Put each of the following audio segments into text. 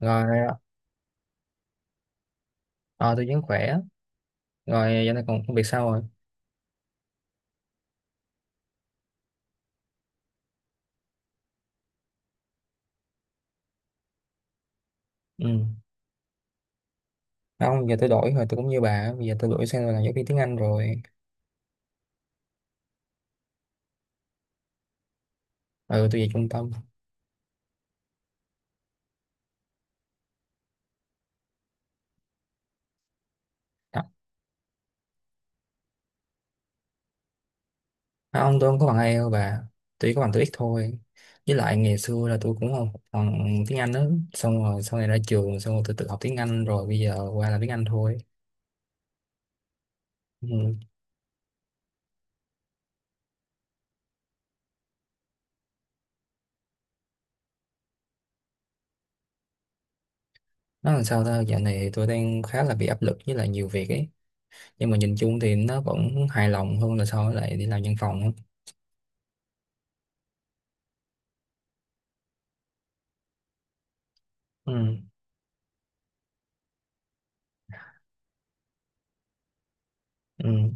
Rồi. Ờ, tôi vẫn khỏe rồi. Giờ này còn công việc sao rồi? Ừ, không, giờ tôi đổi rồi, tôi cũng như bà, bây giờ tôi đổi sang là giáo viên tiếng Anh rồi. Ừ, tôi về trung tâm. À, không, tôi không có bằng ai đâu bà, tôi chỉ có bằng TOEIC thôi. Với lại ngày xưa là tôi cũng không học bằng tiếng Anh đó, xong rồi sau này ra trường xong rồi tôi tự học tiếng Anh, rồi bây giờ qua là tiếng Anh thôi. Ừ. Nó làm sao ta, dạo này tôi đang khá là bị áp lực với lại nhiều việc ấy, nhưng mà nhìn chung thì nó vẫn hài lòng hơn là so với lại đi làm văn phòng á. Ừ. Ừ.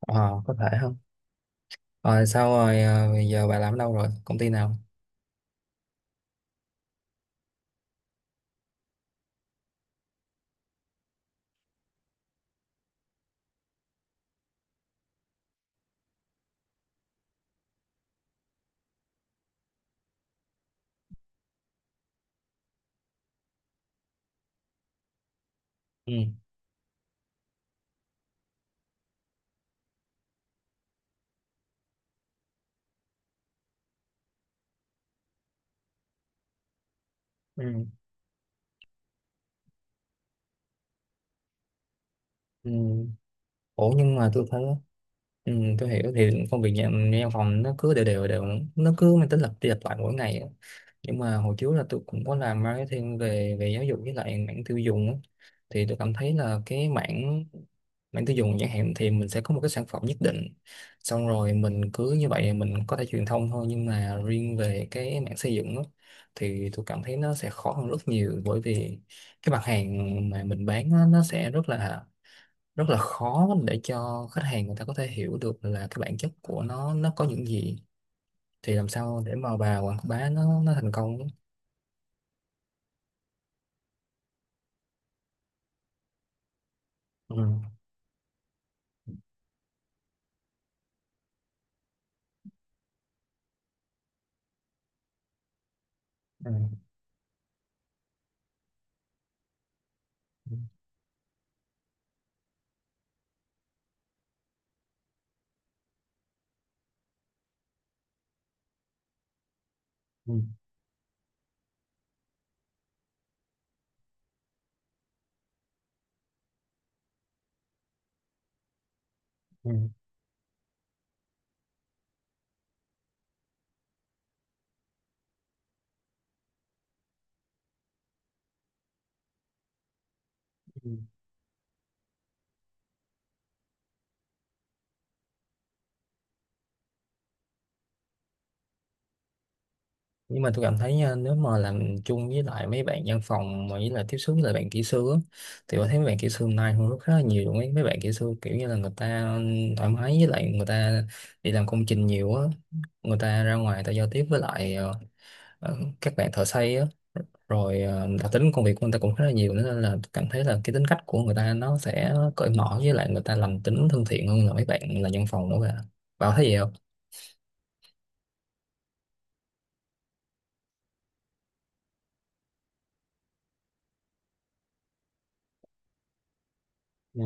Ờ, có thể không. Rồi sao rồi à, giờ bà làm ở đâu rồi? Công ty nào? Ừ. Ừ. Ừ. Ủa nhưng mà tôi thấy. Ừ, tôi hiểu, thì công việc nhà văn phòng nó cứ đều đều đều, nó cứ mang tính lặp đi lặp lại mỗi ngày á. Nhưng mà hồi trước là tôi cũng có làm marketing về về giáo dục với lại mảng tiêu dùng á. Thì tôi cảm thấy là cái mảng mảng tiêu dùng chẳng hạn thì mình sẽ có một cái sản phẩm nhất định, xong rồi mình cứ như vậy mình có thể truyền thông thôi, nhưng mà riêng về cái mảng xây dựng á, thì tôi cảm thấy nó sẽ khó hơn rất nhiều, bởi vì cái mặt hàng mà mình bán á, nó sẽ rất là khó để cho khách hàng người ta có thể hiểu được là cái bản chất của nó có những gì. Thì làm sao để mà bà quảng bá nó thành công? Ừ. Ừ. Ừ. Ừ. Ừ. Ừ. Nhưng mà tôi cảm thấy nha, nếu mà làm chung với lại mấy bạn văn phòng mà với lại tiếp xúc với lại bạn kỹ sư á, thì tôi thấy mấy bạn kỹ sư nay hôn rất là nhiều luôn ấy, mấy bạn kỹ sư kiểu như là người ta thoải mái với lại người ta đi làm công trình nhiều á, người ta ra ngoài người ta giao tiếp với lại các bạn thợ xây á, rồi đặc tính công việc của người ta cũng khá là nhiều nữa, nên là cảm thấy là cái tính cách của người ta nó sẽ cởi mở, với lại người ta lành tính thân thiện hơn là mấy bạn là nhân phòng nữa cả. Bảo thấy gì không? Ừ.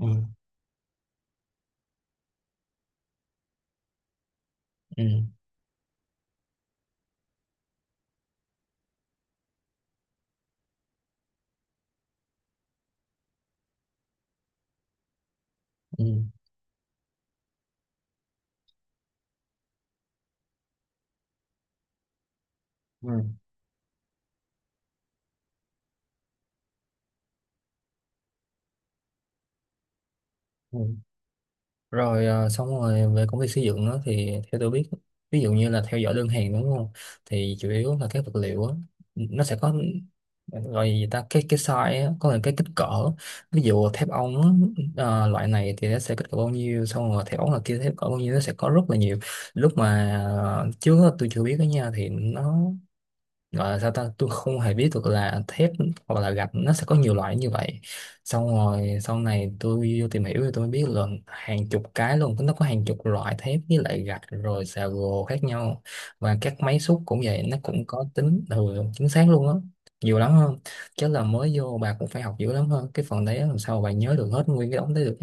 Ừ. Ừ. Ừ. Ừ. Ừ. Rồi xong rồi về công việc xây dựng á, thì theo tôi biết, ví dụ như là theo dõi đơn hàng đúng không, thì chủ yếu là các vật liệu á, nó sẽ có, gọi gì ta, cái size á, có là cái kích cỡ. Ví dụ thép ống á, loại này thì nó sẽ kích cỡ bao nhiêu, xong rồi thép ống là kia thép cỡ bao nhiêu, nó sẽ có rất là nhiều. Lúc mà trước á, tôi chưa biết đó nha, thì nó gọi là sao ta, tôi không hề biết được là thép hoặc là gạch nó sẽ có nhiều loại như vậy. Xong rồi sau này tôi vô tìm hiểu thì tôi mới biết là hàng chục cái luôn, nó có hàng chục loại thép với lại gạch rồi xà gồ khác nhau. Và các máy xúc cũng vậy, nó cũng có tính ừ, chính xác luôn á, nhiều lắm hơn, chứ là mới vô bà cũng phải học dữ lắm hơn cái phần đấy á, làm sao bà nhớ được hết nguyên cái đống đấy được?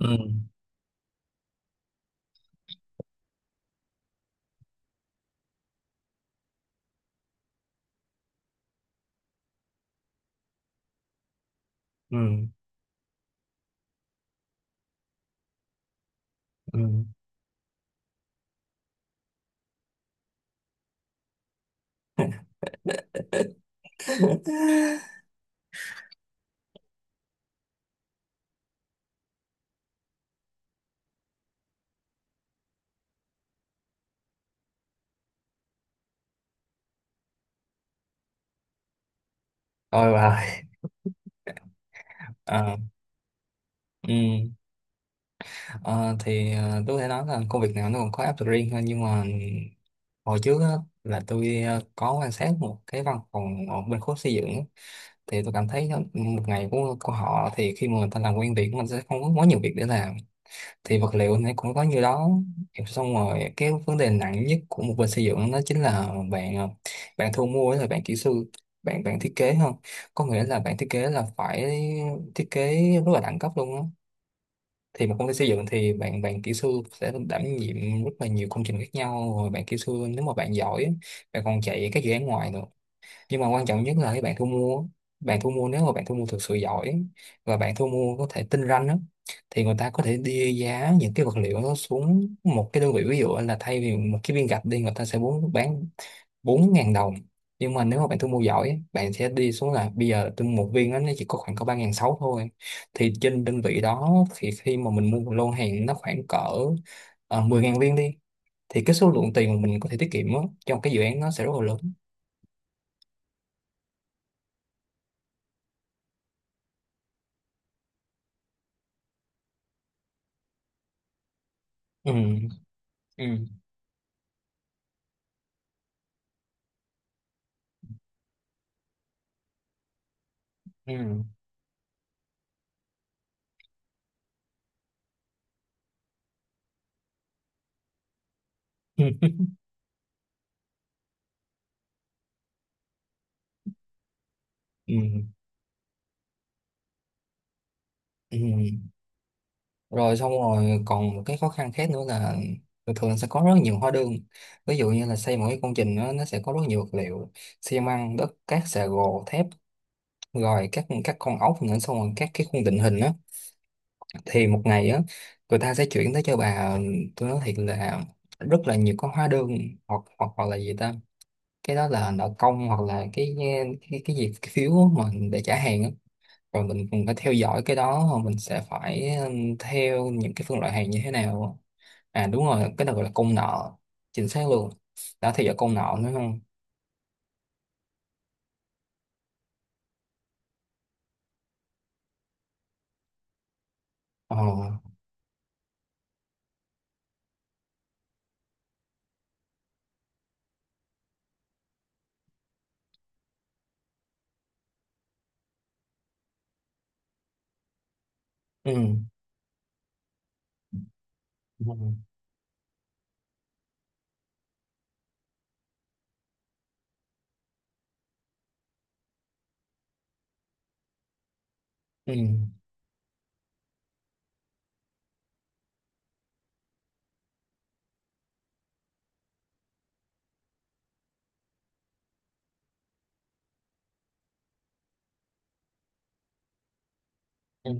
Ừ. Ừ. Ừ. Ôi bà. À, ừ. Ờ, thì tôi có thể nói là công việc nào nó còn có áp lực riêng thôi, nhưng mà hồi trước á, là tôi có quan sát một cái văn phòng ở bên khối xây dựng á. Thì tôi cảm thấy một ngày của họ thì khi mà người ta làm quen việc mình sẽ không có quá nhiều việc để làm. Thì vật liệu này cũng có như đó, xong rồi cái vấn đề nặng nhất của một bên xây dựng đó chính là bạn thu mua, là bạn kỹ sư, bạn bạn thiết kế không. Có nghĩa là bạn thiết kế là phải thiết kế rất là đẳng cấp luôn á. Thì một công ty xây dựng thì bạn bạn kỹ sư sẽ đảm nhiệm rất là nhiều công trình khác nhau, rồi bạn kỹ sư, nếu mà bạn giỏi á, bạn còn chạy các dự án ngoài nữa. Nhưng mà quan trọng nhất là cái bạn thu mua, nếu mà bạn thu mua thực sự giỏi và bạn thu mua có thể tinh ranh á, thì người ta có thể đưa giá những cái vật liệu đó xuống một cái đơn vị, ví dụ là thay vì một cái viên gạch đi người ta sẽ muốn bán 4.000 đồng. Nhưng mà nếu mà bạn thu mua giỏi á, bạn sẽ đi xuống là bây giờ tôi mua một viên á, nó chỉ có khoảng có 3.600 thôi. Thì trên đơn vị đó thì khi mà mình mua một lô hàng nó khoảng cỡ 10.000 viên đi, thì cái số lượng tiền mà mình có thể tiết kiệm á, trong cái dự án nó sẽ rất là lớn. Ừ. Ừ. Ừ. Ừ. Ừ. Ừ. Rồi xong rồi còn một cái khó khăn khác nữa là thường thường sẽ có rất nhiều hóa đơn. Ví dụ như là xây một cái công trình đó, nó sẽ có rất nhiều vật liệu: xi măng, đất, cát, xà gồ, thép, rồi các con ốc nữa, xong rồi các cái khung định hình á. Thì một ngày á, người ta sẽ chuyển tới cho bà, tôi nói thiệt là rất là nhiều con hóa đơn, hoặc hoặc hoặc là gì ta, cái đó là nợ công, hoặc là cái gì cái phiếu mà để trả hàng á. Rồi mình cũng phải theo dõi cái đó, rồi mình sẽ phải theo những cái phân loại hàng như thế nào. À đúng rồi, cái đó gọi là công nợ, chính xác luôn, đã theo dõi công nợ nữa không. Ờ. Ừ. Ừ. Ừ. Ừ.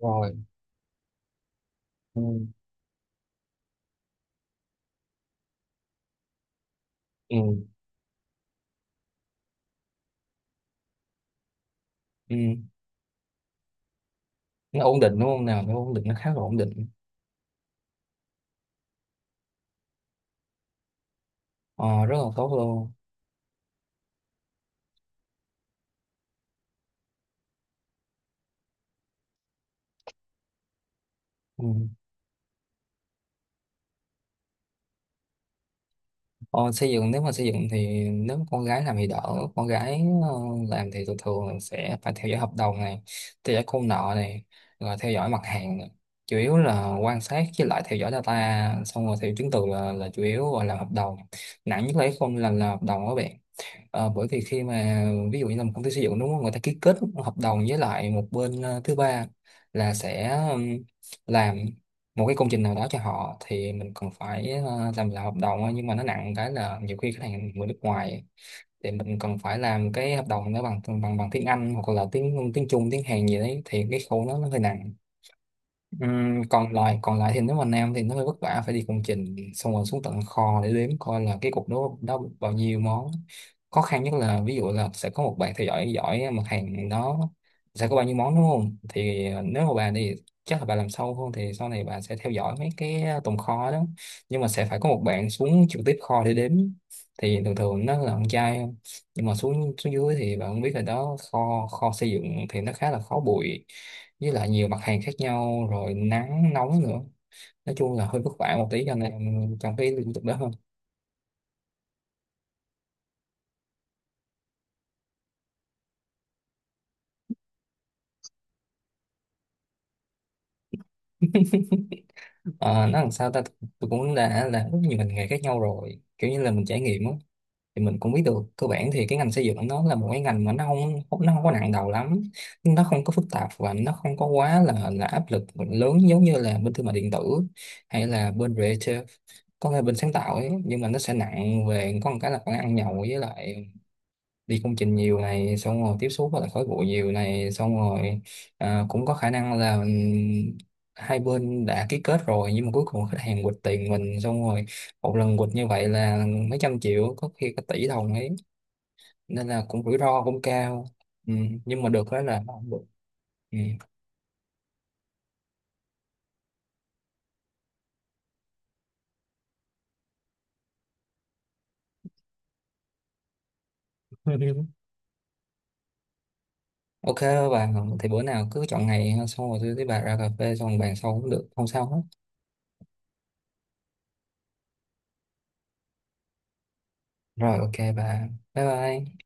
Rồi. Ừ. Ừ. Ừ. Nó ổn định đúng không nào, nó ổn định, nó khá là ổn định. Ờ, rất là tốt luôn. Ừ. Ờ, xây dựng, nếu mà xây dựng thì nếu con gái làm thì đỡ, con gái làm thì thường thường là sẽ phải theo dõi hợp đồng này, theo dõi công nợ này, rồi theo dõi mặt hàng này. Chủ yếu là quan sát với lại theo dõi data, xong rồi theo chứng từ là chủ yếu, rồi làm hợp đồng. Nặng nhất là không, làm là hợp đồng các bạn. Ờ, bởi vì khi mà, ví dụ như là một công ty xây dựng đúng không, người ta ký kết hợp đồng với lại một bên thứ ba, là sẽ làm một cái công trình nào đó cho họ, thì mình còn phải làm là hợp đồng thôi. Nhưng mà nó nặng cái là nhiều khi khách hàng người nước ngoài thì mình cần phải làm cái hợp đồng nó bằng bằng bằng tiếng Anh, hoặc là tiếng tiếng Trung, tiếng Hàn gì đấy, thì cái khâu nó hơi nặng. Còn lại thì nếu mà nam thì nó hơi vất vả, phải đi công trình xong rồi xuống tận kho để đếm coi là cái cục đó đó bao nhiêu món. Khó khăn nhất là ví dụ là sẽ có một bạn theo dõi giỏi mặt hàng đó sẽ có bao nhiêu món đúng không, thì nếu mà bà thì chắc là bà làm sâu hơn, thì sau này bà sẽ theo dõi mấy cái tồn kho đó. Nhưng mà sẽ phải có một bạn xuống trực tiếp kho để đếm, thì thường thường nó là con trai không. Nhưng mà xuống xuống dưới thì bạn cũng biết là đó, kho kho xây dựng thì nó khá là khó bụi, với lại nhiều mặt hàng khác nhau, rồi nắng nóng nữa. Nói chung là hơi vất vả một tí, cho nên trong cái lĩnh vực đó hơn. Ờ, nó làm sao ta, tôi cũng đã làm rất nhiều ngành nghề khác nhau rồi, kiểu như là mình trải nghiệm á. Thì mình cũng biết được cơ bản thì cái ngành xây dựng nó là một cái ngành mà nó không có nặng đầu lắm, nó không có phức tạp và nó không có quá là áp lực lớn, giống như là bên thương mại điện tử hay là bên creative, có thể bên sáng tạo ấy. Nhưng mà nó sẽ nặng về có một cái là khoản ăn nhậu, với lại đi công trình nhiều này, xong rồi tiếp xúc với lại khói bụi nhiều này, xong rồi à, cũng có khả năng là hai bên đã ký kết rồi nhưng mà cuối cùng khách hàng quỵt tiền mình xong rồi. Một lần quỵt như vậy là mấy trăm triệu, có khi cả tỷ đồng ấy, nên là cũng rủi ro cũng cao. Ừ. Nhưng mà được đó là nó không được. Ừ. OK bà, thì bữa nào cứ chọn ngày ha, xong rồi tôi với bà ra cà phê xong bàn sau cũng được, không sao hết. Rồi, OK bà, bye bye.